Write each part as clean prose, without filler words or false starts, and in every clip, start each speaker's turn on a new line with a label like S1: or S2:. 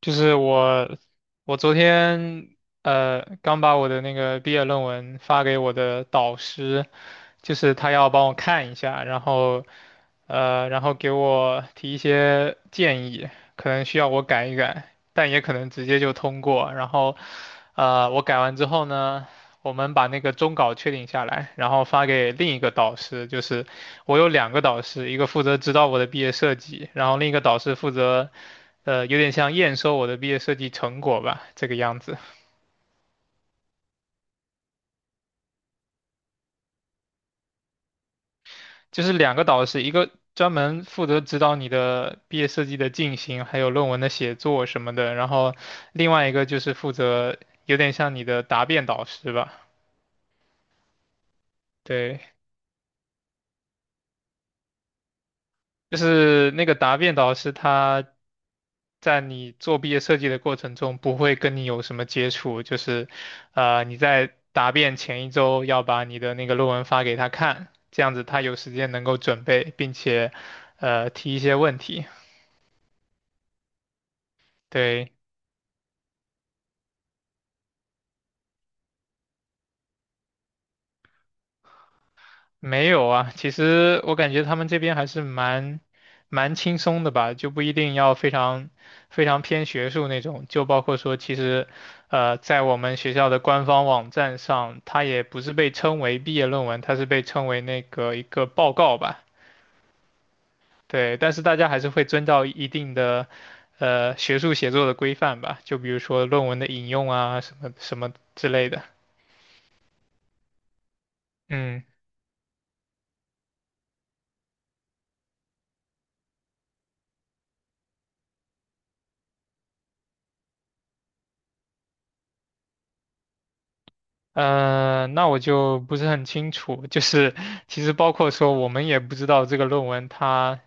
S1: 就是我昨天刚把我的那个毕业论文发给我的导师，就是他要帮我看一下，然后给我提一些建议，可能需要我改一改，但也可能直接就通过。然后我改完之后呢，我们把那个终稿确定下来，然后发给另一个导师，就是我有两个导师，一个负责指导我的毕业设计，然后另一个导师负责。有点像验收我的毕业设计成果吧，这个样子。就是两个导师，一个专门负责指导你的毕业设计的进行，还有论文的写作什么的，然后另外一个就是负责有点像你的答辩导师吧。对，就是那个答辩导师，他在你做毕业设计的过程中，不会跟你有什么接触，就是，你在答辩前1周要把你的那个论文发给他看，这样子他有时间能够准备，并且，提一些问题。对，没有啊，其实我感觉他们这边还是蛮轻松的吧，就不一定要非常非常偏学术那种。就包括说，其实在我们学校的官方网站上，它也不是被称为毕业论文，它是被称为那个一个报告吧。对，但是大家还是会遵照一定的学术写作的规范吧，就比如说论文的引用啊，什么什么之类的。嗯。那我就不是很清楚，就是其实包括说我们也不知道这个论文它，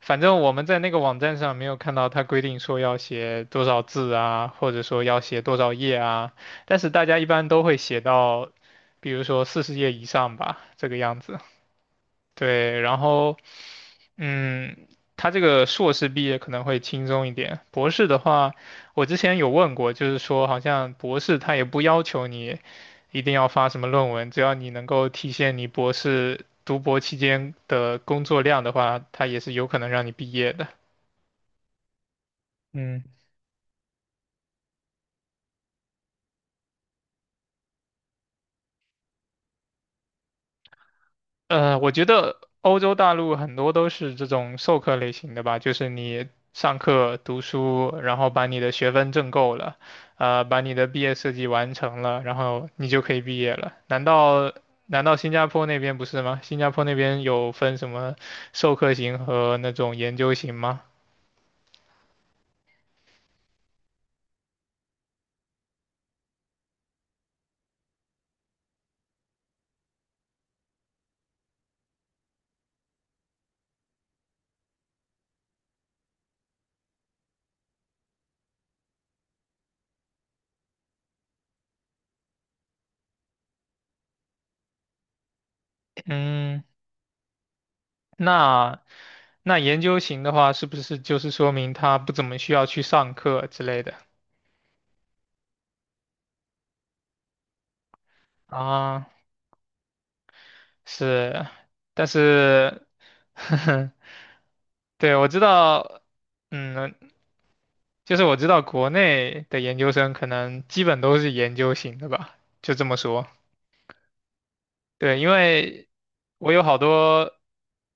S1: 反正我们在那个网站上没有看到它规定说要写多少字啊，或者说要写多少页啊，但是大家一般都会写到，比如说40页以上吧，这个样子。对，然后嗯，他这个硕士毕业可能会轻松一点，博士的话，我之前有问过，就是说好像博士他也不要求你一定要发什么论文，只要你能够体现你博士读博期间的工作量的话，他也是有可能让你毕业的。嗯。我觉得欧洲大陆很多都是这种授课类型的吧，就是你上课读书，然后把你的学分挣够了，把你的毕业设计完成了，然后你就可以毕业了。难道新加坡那边不是吗？新加坡那边有分什么授课型和那种研究型吗？嗯，那那研究型的话，是不是就是说明他不怎么需要去上课之类的啊？是，但是，呵呵，对，我知道，嗯，就是我知道国内的研究生可能基本都是研究型的吧，就这么说。对，因为我有好多，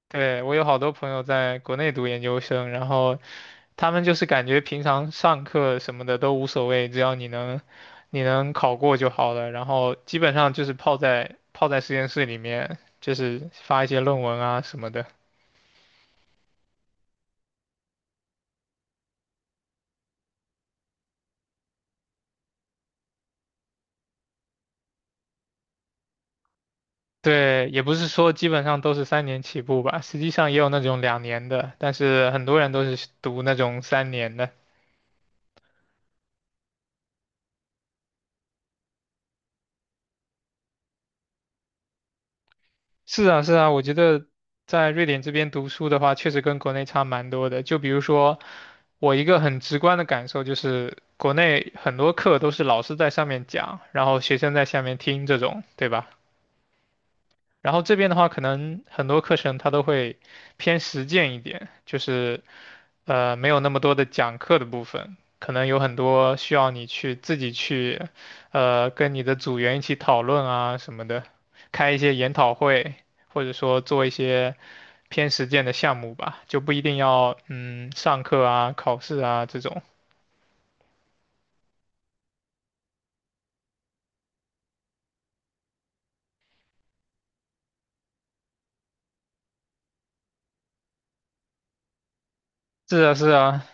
S1: 对，我有好多朋友在国内读研究生，然后他们就是感觉平常上课什么的都无所谓，只要你能考过就好了，然后基本上就是泡在实验室里面，就是发一些论文啊什么的。对，也不是说基本上都是三年起步吧，实际上也有那种2年的，但是很多人都是读那种三年的。是啊，是啊，我觉得在瑞典这边读书的话，确实跟国内差蛮多的。就比如说，我一个很直观的感受就是，国内很多课都是老师在上面讲，然后学生在下面听这种，对吧？然后这边的话，可能很多课程它都会偏实践一点，就是没有那么多的讲课的部分，可能有很多需要你去自己去，跟你的组员一起讨论啊什么的，开一些研讨会，或者说做一些偏实践的项目吧，就不一定要上课啊、考试啊这种。是啊，是啊，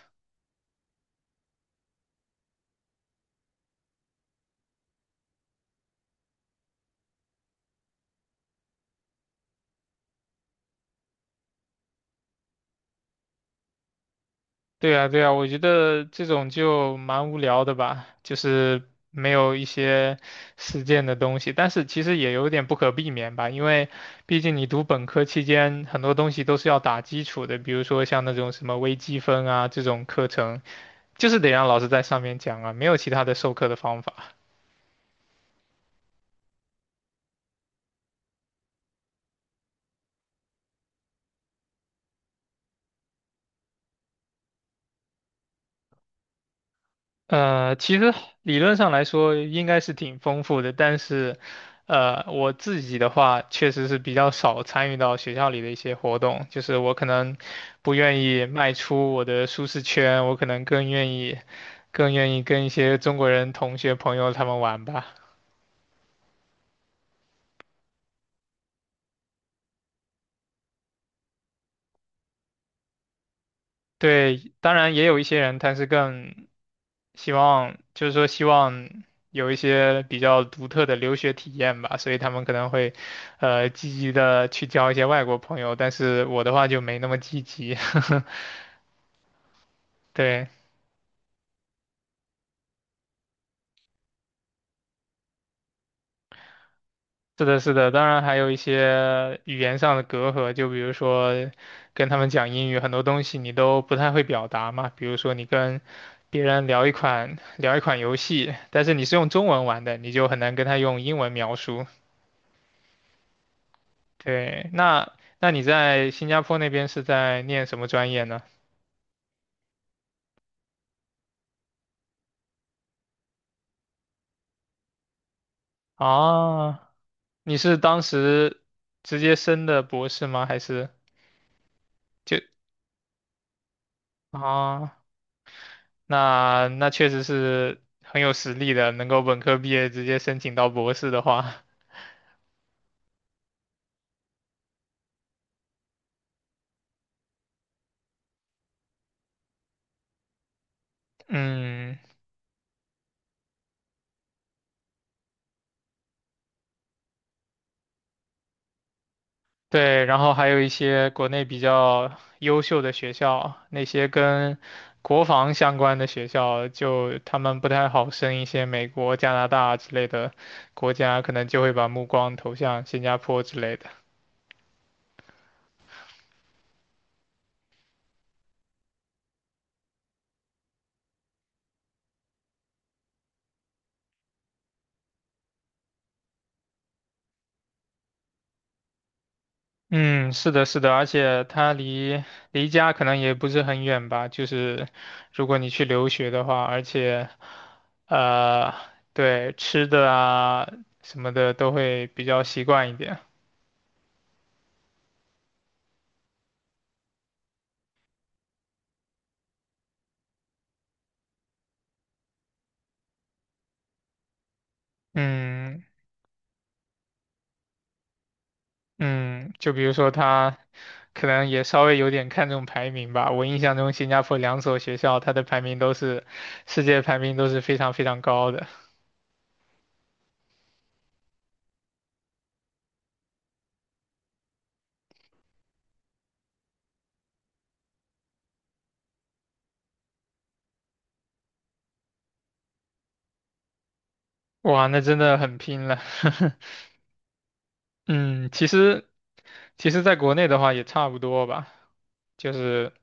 S1: 对啊，对啊，我觉得这种就蛮无聊的吧，就是没有一些实践的东西，但是其实也有点不可避免吧，因为毕竟你读本科期间很多东西都是要打基础的，比如说像那种什么微积分啊这种课程，就是得让老师在上面讲啊，没有其他的授课的方法。其实理论上来说应该是挺丰富的，但是，我自己的话确实是比较少参与到学校里的一些活动，就是我可能不愿意迈出我的舒适圈，我可能更愿意，更愿意跟一些中国人同学朋友他们玩吧。对，当然也有一些人他是更希望就是说希望有一些比较独特的留学体验吧，所以他们可能会，积极的去交一些外国朋友，但是我的话就没那么积极。对，是的，是的，当然还有一些语言上的隔阂，就比如说跟他们讲英语，很多东西你都不太会表达嘛，比如说你跟别人聊一款游戏，但是你是用中文玩的，你就很难跟他用英文描述。对，那你在新加坡那边是在念什么专业呢？啊，你是当时直接升的博士吗？还是就啊？那确实是很有实力的，能够本科毕业直接申请到博士的话，嗯，对，然后还有一些国内比较优秀的学校，那些跟国防相关的学校，就他们不太好升一些美国、加拿大之类的国家，可能就会把目光投向新加坡之类的。嗯，是的，是的，而且它离家可能也不是很远吧，就是如果你去留学的话，而且，呃，对，吃的啊什么的都会比较习惯一点。嗯，嗯，就比如说他可能也稍微有点看重排名吧。我印象中，新加坡两所学校它的排名都是世界排名都是非常非常高的。哇，那真的很拼了。嗯，其实在国内的话也差不多吧，就是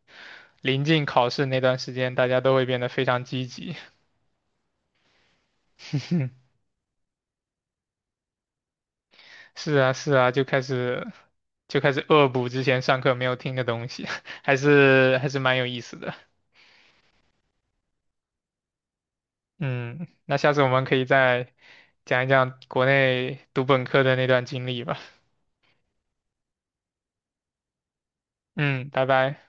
S1: 临近考试那段时间，大家都会变得非常积极。是啊，是啊，就开始恶补之前上课没有听的东西，还是蛮有意思的。嗯，那下次我们可以再讲一讲国内读本科的那段经历吧。嗯，拜拜。